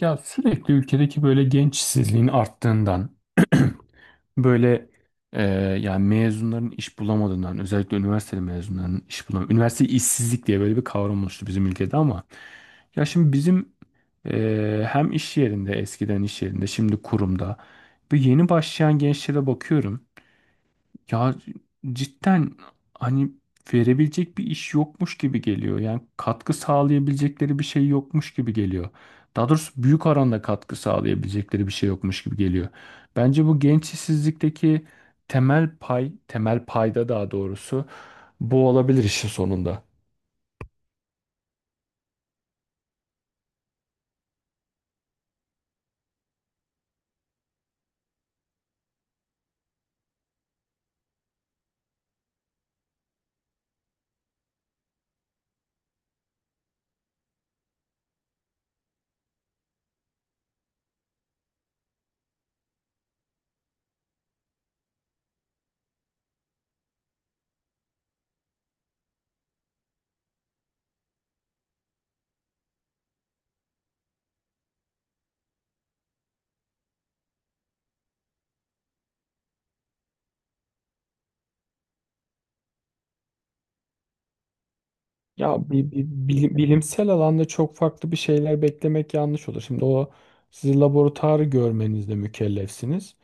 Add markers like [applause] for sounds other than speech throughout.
Ya sürekli ülkedeki böyle genç işsizliğin arttığından [clears throat] böyle e, yani mezunların iş bulamadığından özellikle üniversiteli mezunların iş bulamadığından üniversite işsizlik diye böyle bir kavram oluştu bizim ülkede ama ya şimdi bizim hem iş yerinde eskiden iş yerinde şimdi kurumda bu yeni başlayan gençlere bakıyorum ya cidden hani verebilecek bir iş yokmuş gibi geliyor. Yani katkı sağlayabilecekleri bir şey yokmuş gibi geliyor. Daha doğrusu büyük oranda katkı sağlayabilecekleri bir şey yokmuş gibi geliyor. Bence bu genç işsizlikteki temel pay, temel payda daha doğrusu bu olabilir işin sonunda. Ya bilimsel alanda çok farklı bir şeyler beklemek yanlış olur. Şimdi o siz laboratuvarı görmenizle mükellefsiniz.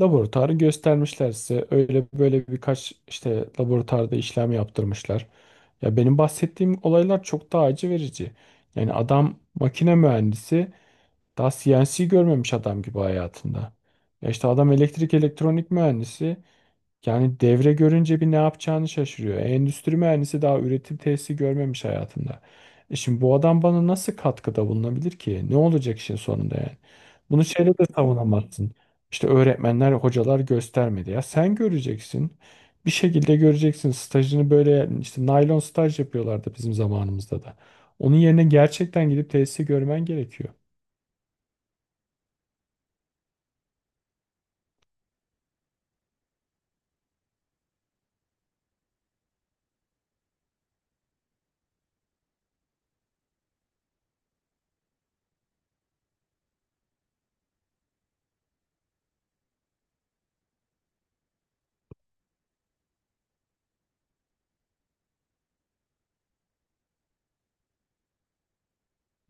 Laboratuvarı göstermişler size. Öyle böyle birkaç işte laboratuvarda işlem yaptırmışlar. Ya benim bahsettiğim olaylar çok daha acı verici. Yani adam makine mühendisi daha CNC görmemiş adam gibi hayatında. Ya işte adam elektrik elektronik mühendisi yani devre görünce bir ne yapacağını şaşırıyor. E, endüstri mühendisi daha üretim tesisi görmemiş hayatında. E şimdi bu adam bana nasıl katkıda bulunabilir ki? Ne olacak işin sonunda yani? Bunu şeyle de savunamazsın. İşte öğretmenler, hocalar göstermedi. Ya sen göreceksin. Bir şekilde göreceksin. Stajını böyle işte naylon staj yapıyorlardı bizim zamanımızda da. Onun yerine gerçekten gidip tesisi görmen gerekiyor.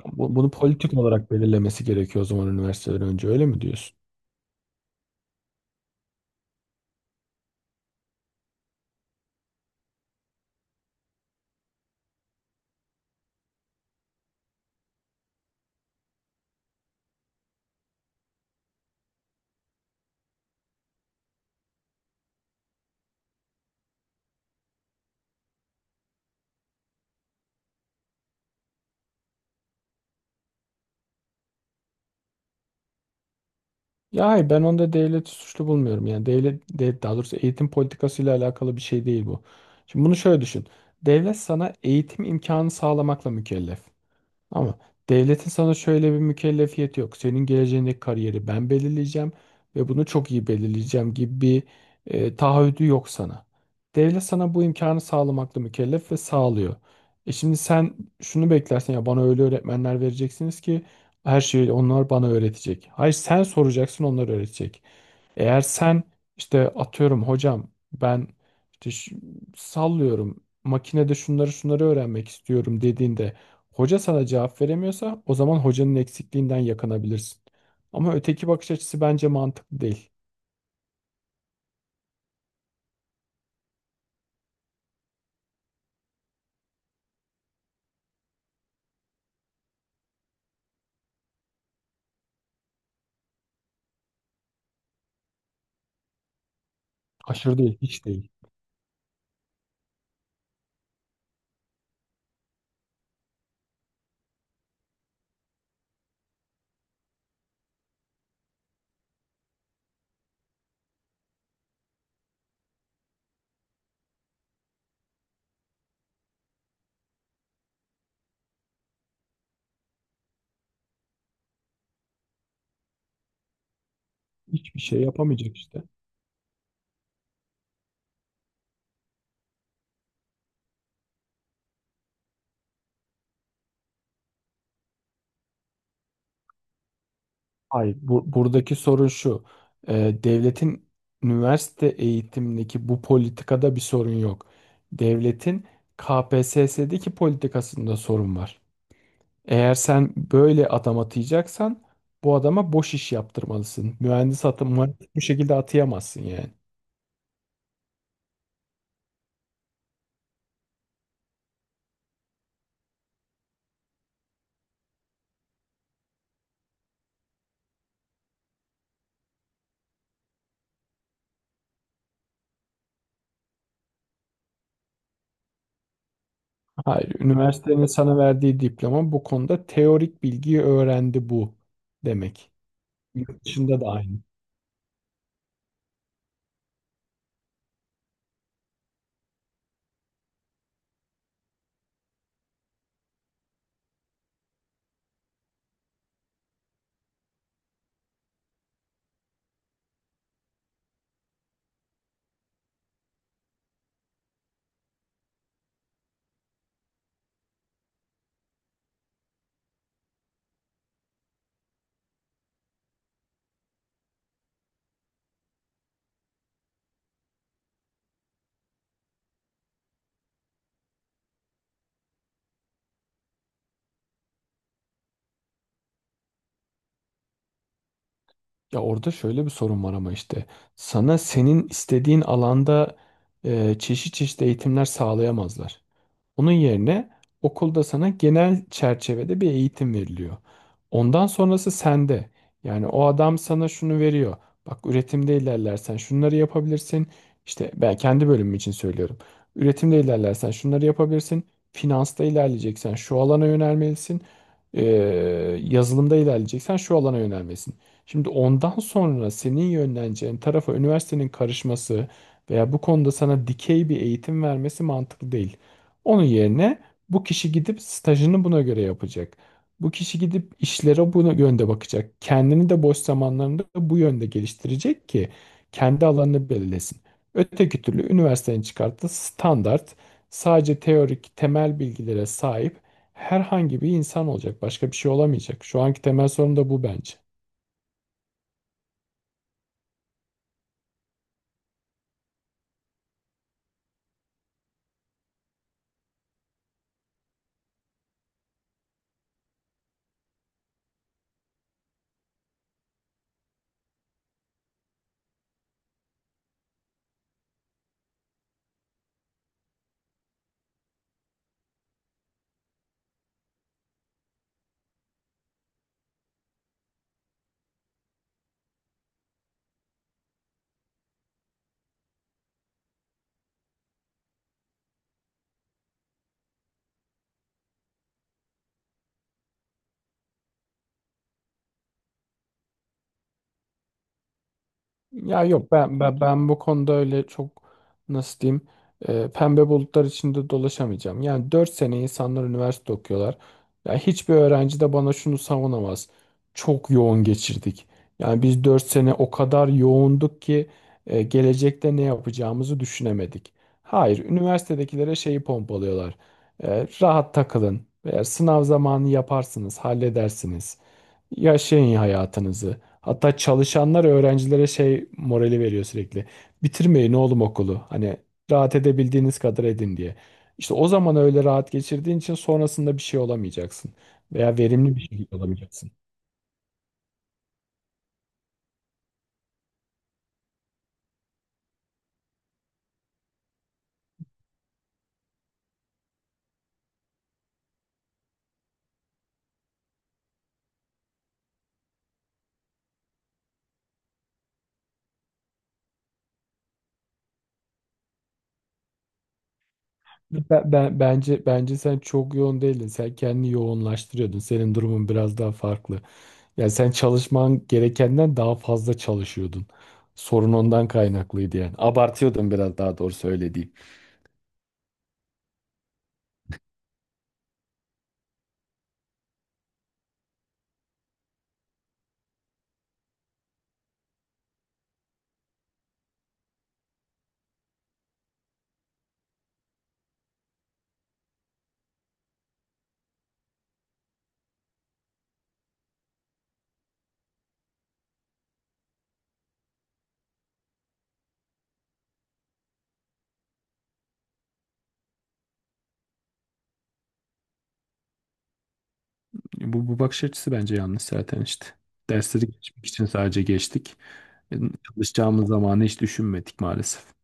Bunu politik olarak belirlemesi gerekiyor o zaman üniversiteden önce öyle mi diyorsun? Ya hayır ben onda devleti suçlu bulmuyorum. Yani daha doğrusu eğitim politikasıyla alakalı bir şey değil bu. Şimdi bunu şöyle düşün. Devlet sana eğitim imkanı sağlamakla mükellef. Ama devletin sana şöyle bir mükellefiyeti yok. Senin geleceğindeki kariyeri ben belirleyeceğim ve bunu çok iyi belirleyeceğim gibi bir taahhüdü yok sana. Devlet sana bu imkanı sağlamakla mükellef ve sağlıyor. E şimdi sen şunu beklersen ya bana öyle öğretmenler vereceksiniz ki her şeyi onlar bana öğretecek. Hayır sen soracaksın onlar öğretecek. Eğer sen işte atıyorum hocam ben işte sallıyorum makinede şunları şunları öğrenmek istiyorum dediğinde hoca sana cevap veremiyorsa o zaman hocanın eksikliğinden yakınabilirsin. Ama öteki bakış açısı bence mantıklı değil. Aşırı değil, hiç değil. Hiçbir şey yapamayacak işte. Hayır, buradaki sorun şu. Devletin üniversite eğitimindeki bu politikada bir sorun yok. Devletin KPSS'deki politikasında sorun var. Eğer sen böyle adam atayacaksan bu adama boş iş yaptırmalısın. Mühendis atama bu şekilde atayamazsın yani. Hayır, üniversitenin sana verdiği diploma bu konuda teorik bilgiyi öğrendi bu demek. Yurt dışında da aynı. Ya orada şöyle bir sorun var ama işte sana senin istediğin alanda çeşit çeşit eğitimler sağlayamazlar. Onun yerine okulda sana genel çerçevede bir eğitim veriliyor. Ondan sonrası sende. Yani o adam sana şunu veriyor. Bak üretimde ilerlersen şunları yapabilirsin. İşte ben kendi bölümüm için söylüyorum. Üretimde ilerlersen şunları yapabilirsin. Finansta ilerleyeceksen şu alana yönelmelisin. Ee, Yazılımda ilerleyeceksen şu alana yönelmelisin. Şimdi ondan sonra senin yönleneceğin tarafa üniversitenin karışması veya bu konuda sana dikey bir eğitim vermesi mantıklı değil. Onun yerine bu kişi gidip stajını buna göre yapacak. Bu kişi gidip işlere buna yönde bakacak. Kendini de boş zamanlarında bu yönde geliştirecek ki kendi alanını belirlesin. Öteki türlü üniversitenin çıkarttığı standart sadece teorik temel bilgilere sahip herhangi bir insan olacak. Başka bir şey olamayacak. Şu anki temel sorun da bu bence. Ya yok, ben bu konuda öyle çok nasıl diyeyim pembe bulutlar içinde dolaşamayacağım. Yani 4 sene insanlar üniversite okuyorlar. Ya hiçbir öğrenci de bana şunu savunamaz. Çok yoğun geçirdik. Yani biz 4 sene o kadar yoğunduk ki gelecekte ne yapacağımızı düşünemedik. Hayır, üniversitedekilere şeyi pompalıyorlar. E, rahat takılın. Eğer sınav zamanı yaparsınız, halledersiniz. Yaşayın hayatınızı. Hatta çalışanlar öğrencilere şey morali veriyor sürekli. Bitirmeyin oğlum okulu. Hani rahat edebildiğiniz kadar edin diye. İşte o zaman öyle rahat geçirdiğin için sonrasında bir şey olamayacaksın. Veya verimli bir şekilde olamayacaksın. Bence sen çok yoğun değildin. Sen kendini yoğunlaştırıyordun. Senin durumun biraz daha farklı. Yani sen çalışman gerekenden daha fazla çalışıyordun. Sorun ondan kaynaklıydı yani. Abartıyordun biraz daha doğru öyle. Bu bakış açısı bence yanlış zaten işte. Dersleri geçmek için sadece geçtik. E, Çalışacağımız zamanı hiç düşünmedik maalesef.